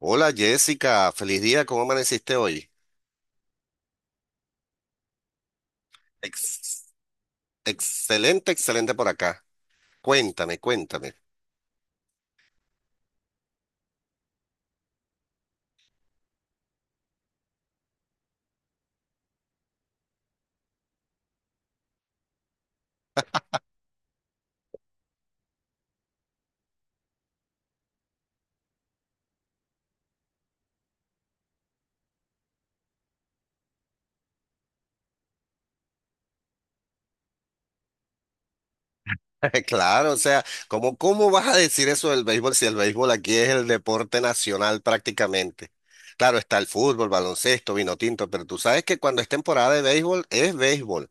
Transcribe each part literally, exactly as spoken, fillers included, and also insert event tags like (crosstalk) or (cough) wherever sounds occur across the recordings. Hola Jessica, feliz día, ¿cómo amaneciste hoy? Ex- Excelente, excelente por acá. Cuéntame, cuéntame. (laughs) Claro, o sea, ¿cómo, cómo vas a decir eso del béisbol si el béisbol aquí es el deporte nacional prácticamente? Claro, está el fútbol, baloncesto, vino tinto, pero tú sabes que cuando es temporada de béisbol es béisbol.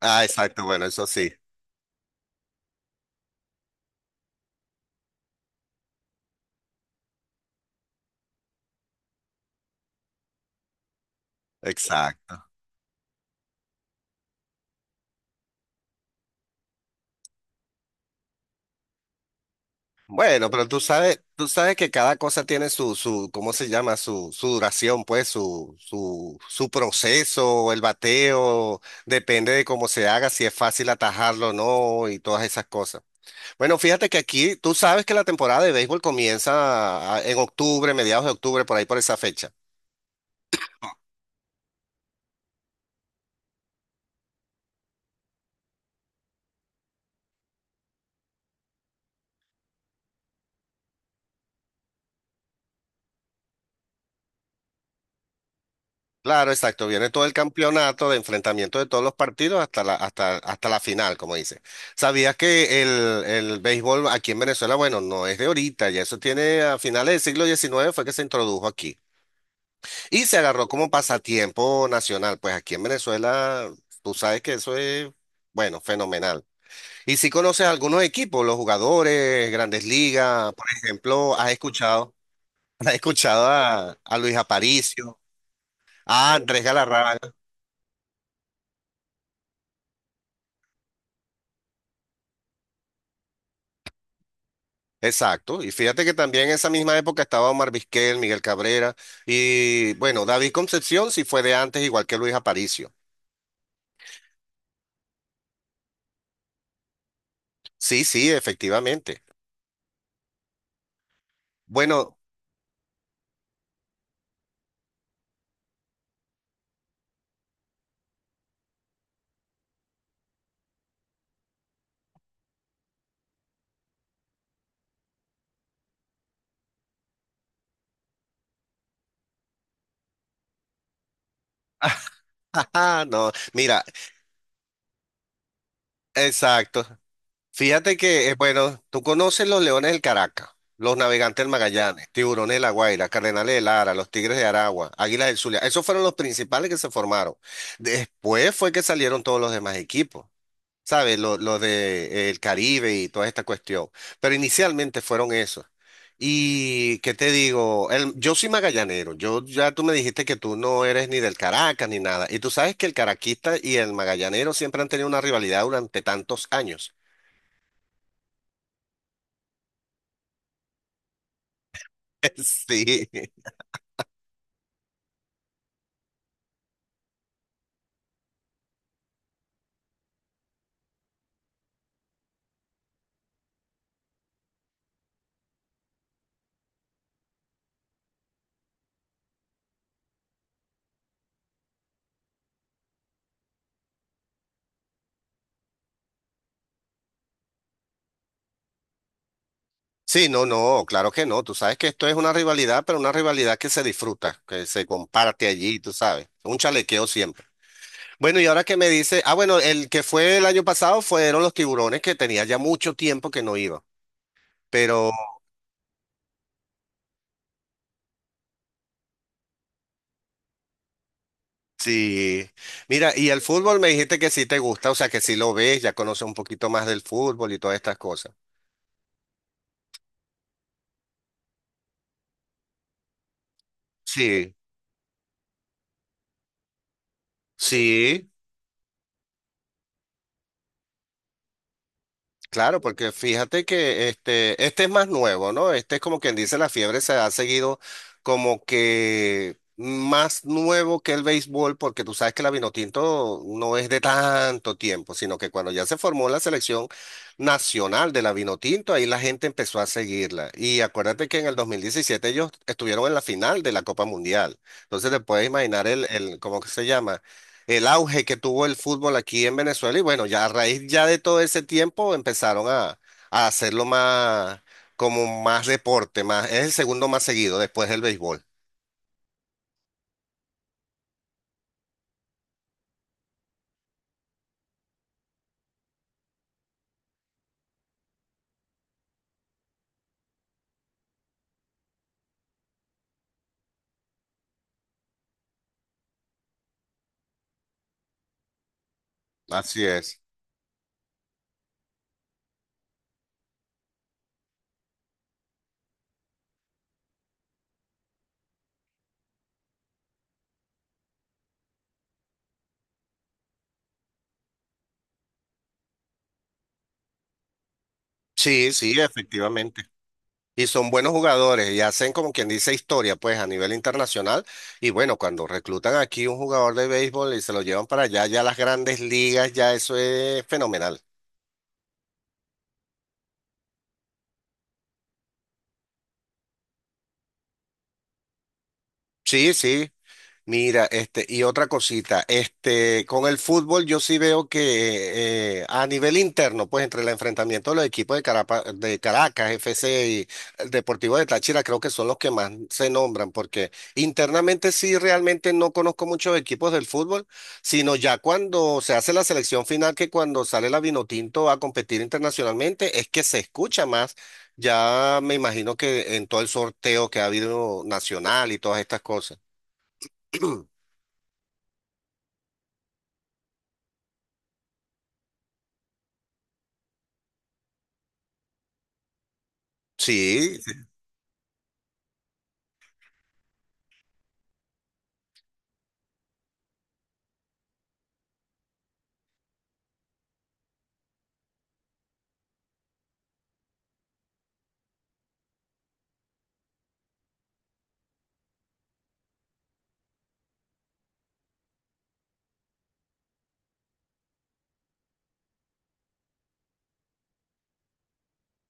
Ah, exacto, bueno, eso sí, exacto. Bueno, pero tú sabes, tú sabes que cada cosa tiene su, su, ¿cómo se llama? Su, su duración, pues, su, su, su proceso, el bateo, depende de cómo se haga, si es fácil atajarlo o no, y todas esas cosas. Bueno, fíjate que aquí, tú sabes que la temporada de béisbol comienza a- en octubre, mediados de octubre, por ahí por esa fecha. Claro, exacto. Viene todo el campeonato de enfrentamiento de todos los partidos hasta la, hasta, hasta la final, como dice. ¿Sabías que el, el béisbol aquí en Venezuela, bueno, no es de ahorita, ya eso tiene a finales del siglo diecinueve fue que se introdujo aquí y se agarró como pasatiempo nacional? Pues aquí en Venezuela, tú sabes que eso es, bueno, fenomenal. Y si conoces algunos equipos, los jugadores, grandes ligas, por ejemplo, has escuchado, (laughs) has escuchado a, a Luis Aparicio, a Andrés Galarraga. Exacto, y fíjate que también en esa misma época estaba Omar Vizquel, Miguel Cabrera y bueno, David Concepción sí fue de antes, igual que Luis Aparicio. Sí, sí, efectivamente. Bueno, (laughs) no, mira, exacto. Fíjate que, eh, bueno, tú conoces los Leones del Caracas, los Navegantes del Magallanes, Tiburones de La Guaira, Cardenales de Lara, los Tigres de Aragua, Águilas del Zulia. Esos fueron los principales que se formaron. Después fue que salieron todos los demás equipos. ¿Sabes? Lo, lo de eh, el Caribe y toda esta cuestión. Pero inicialmente fueron esos. Y qué te digo, El- yo soy magallanero, yo ya tú me dijiste que tú no eres ni del Caracas ni nada. Y tú sabes que el caraquista y el magallanero siempre han tenido una rivalidad durante tantos años. (laughs) Sí. Sí, no, no, claro que no. Tú sabes que esto es una rivalidad, pero una rivalidad que se disfruta, que se comparte allí, tú sabes. Un chalequeo siempre. Bueno, y ahora que me dice, ah, bueno, el que fue el año pasado fueron los tiburones que tenía ya mucho tiempo que no iba. Pero sí, mira, y el fútbol me dijiste que sí te gusta, o sea que sí lo ves, ya conoces un poquito más del fútbol y todas estas cosas. Sí, sí. Claro, porque fíjate que este, este es más nuevo, ¿no? Este es como quien dice, la fiebre se ha seguido como que más nuevo que el béisbol, porque tú sabes que la Vinotinto no es de tanto tiempo, sino que cuando ya se formó la selección nacional de la Vinotinto, ahí la gente empezó a seguirla. Y acuérdate que en el dos mil diecisiete ellos estuvieron en la final de la Copa Mundial. Entonces te puedes imaginar el, el, ¿cómo que se llama? El auge que tuvo el fútbol aquí en Venezuela y bueno, ya a raíz ya de todo ese tiempo empezaron a, a hacerlo más como más deporte, más, es el segundo más seguido después del béisbol. Así es. Sí, sí, efectivamente. Y son buenos jugadores y hacen como quien dice historia, pues a nivel internacional. Y bueno, cuando reclutan aquí un jugador de béisbol y se lo llevan para allá, ya las grandes ligas, ya eso es fenomenal. Sí, sí. Mira, este, y otra cosita, este, con el fútbol yo sí veo que eh, a nivel interno, pues entre el enfrentamiento de los equipos de, Carapa- de Caracas, F C y el Deportivo de Táchira, creo que son los que más se nombran, porque internamente sí realmente no conozco muchos equipos del fútbol, sino ya cuando se hace la selección final, que cuando sale la Vinotinto a competir internacionalmente, es que se escucha más. Ya me imagino que en todo el sorteo que ha habido nacional y todas estas cosas. (clears throat) Sí,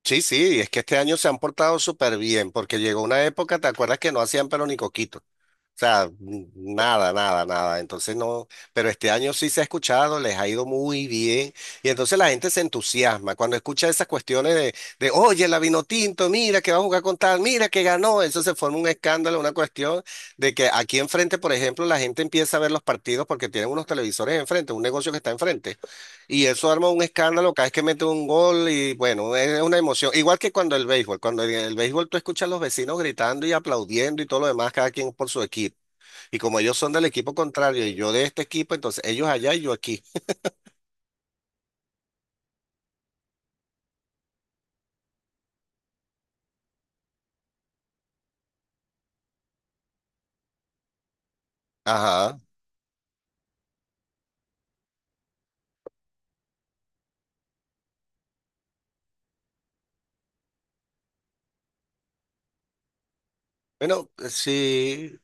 sí, sí, es que este año se han portado súper bien, porque llegó una época, ¿te acuerdas que no hacían pero ni coquito? O sea, n- nada, nada, nada. Entonces no, pero este año sí se ha escuchado, les ha ido muy bien. Y entonces la gente se entusiasma cuando escucha esas cuestiones de, de oye, la Vinotinto, mira que va a jugar con tal, mira que ganó. Eso se forma un escándalo, una cuestión de que aquí enfrente, por ejemplo, la gente empieza a ver los partidos porque tienen unos televisores enfrente, un negocio que está enfrente. Y eso arma un escándalo cada vez que mete un gol y bueno, es una emoción. Igual que cuando el béisbol, cuando en el béisbol tú escuchas a los vecinos gritando y aplaudiendo y todo lo demás, cada quien por su equipo. Y como ellos son del equipo contrario y yo de este equipo, entonces ellos allá y yo aquí. Ajá. Bueno, sí,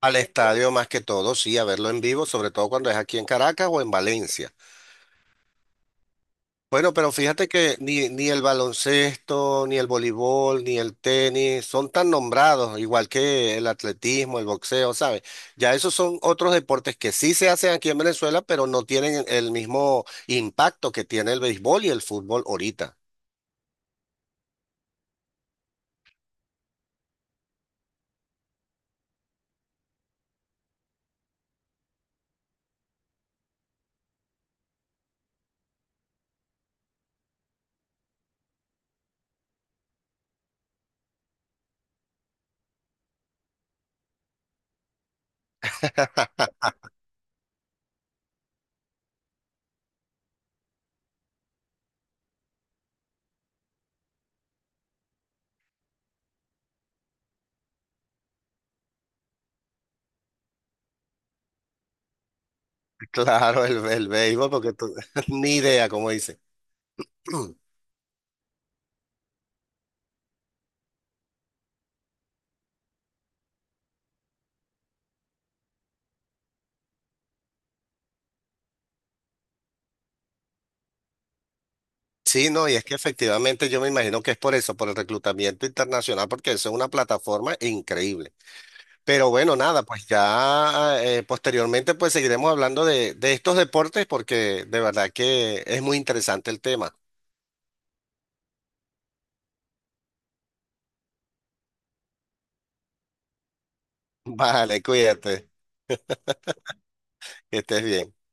al estadio más que todo, sí, a verlo en vivo, sobre todo cuando es aquí en Caracas o en Valencia. Bueno, pero fíjate que ni, ni el baloncesto, ni el voleibol, ni el tenis son tan nombrados, igual que el atletismo, el boxeo, ¿sabes? Ya esos son otros deportes que sí se hacen aquí en Venezuela, pero no tienen el mismo impacto que tiene el béisbol y el fútbol ahorita. (laughs) Claro, el, el béisbol, porque tú- (laughs) ni idea, como dice. (clears throat) Sí, no, y es que efectivamente yo me imagino que es por eso, por el reclutamiento internacional, porque eso es una plataforma increíble. Pero bueno, nada, pues ya eh, posteriormente pues seguiremos hablando de, de estos deportes porque de verdad que es muy interesante el tema. (laughs) Vale, cuídate, que estés bien.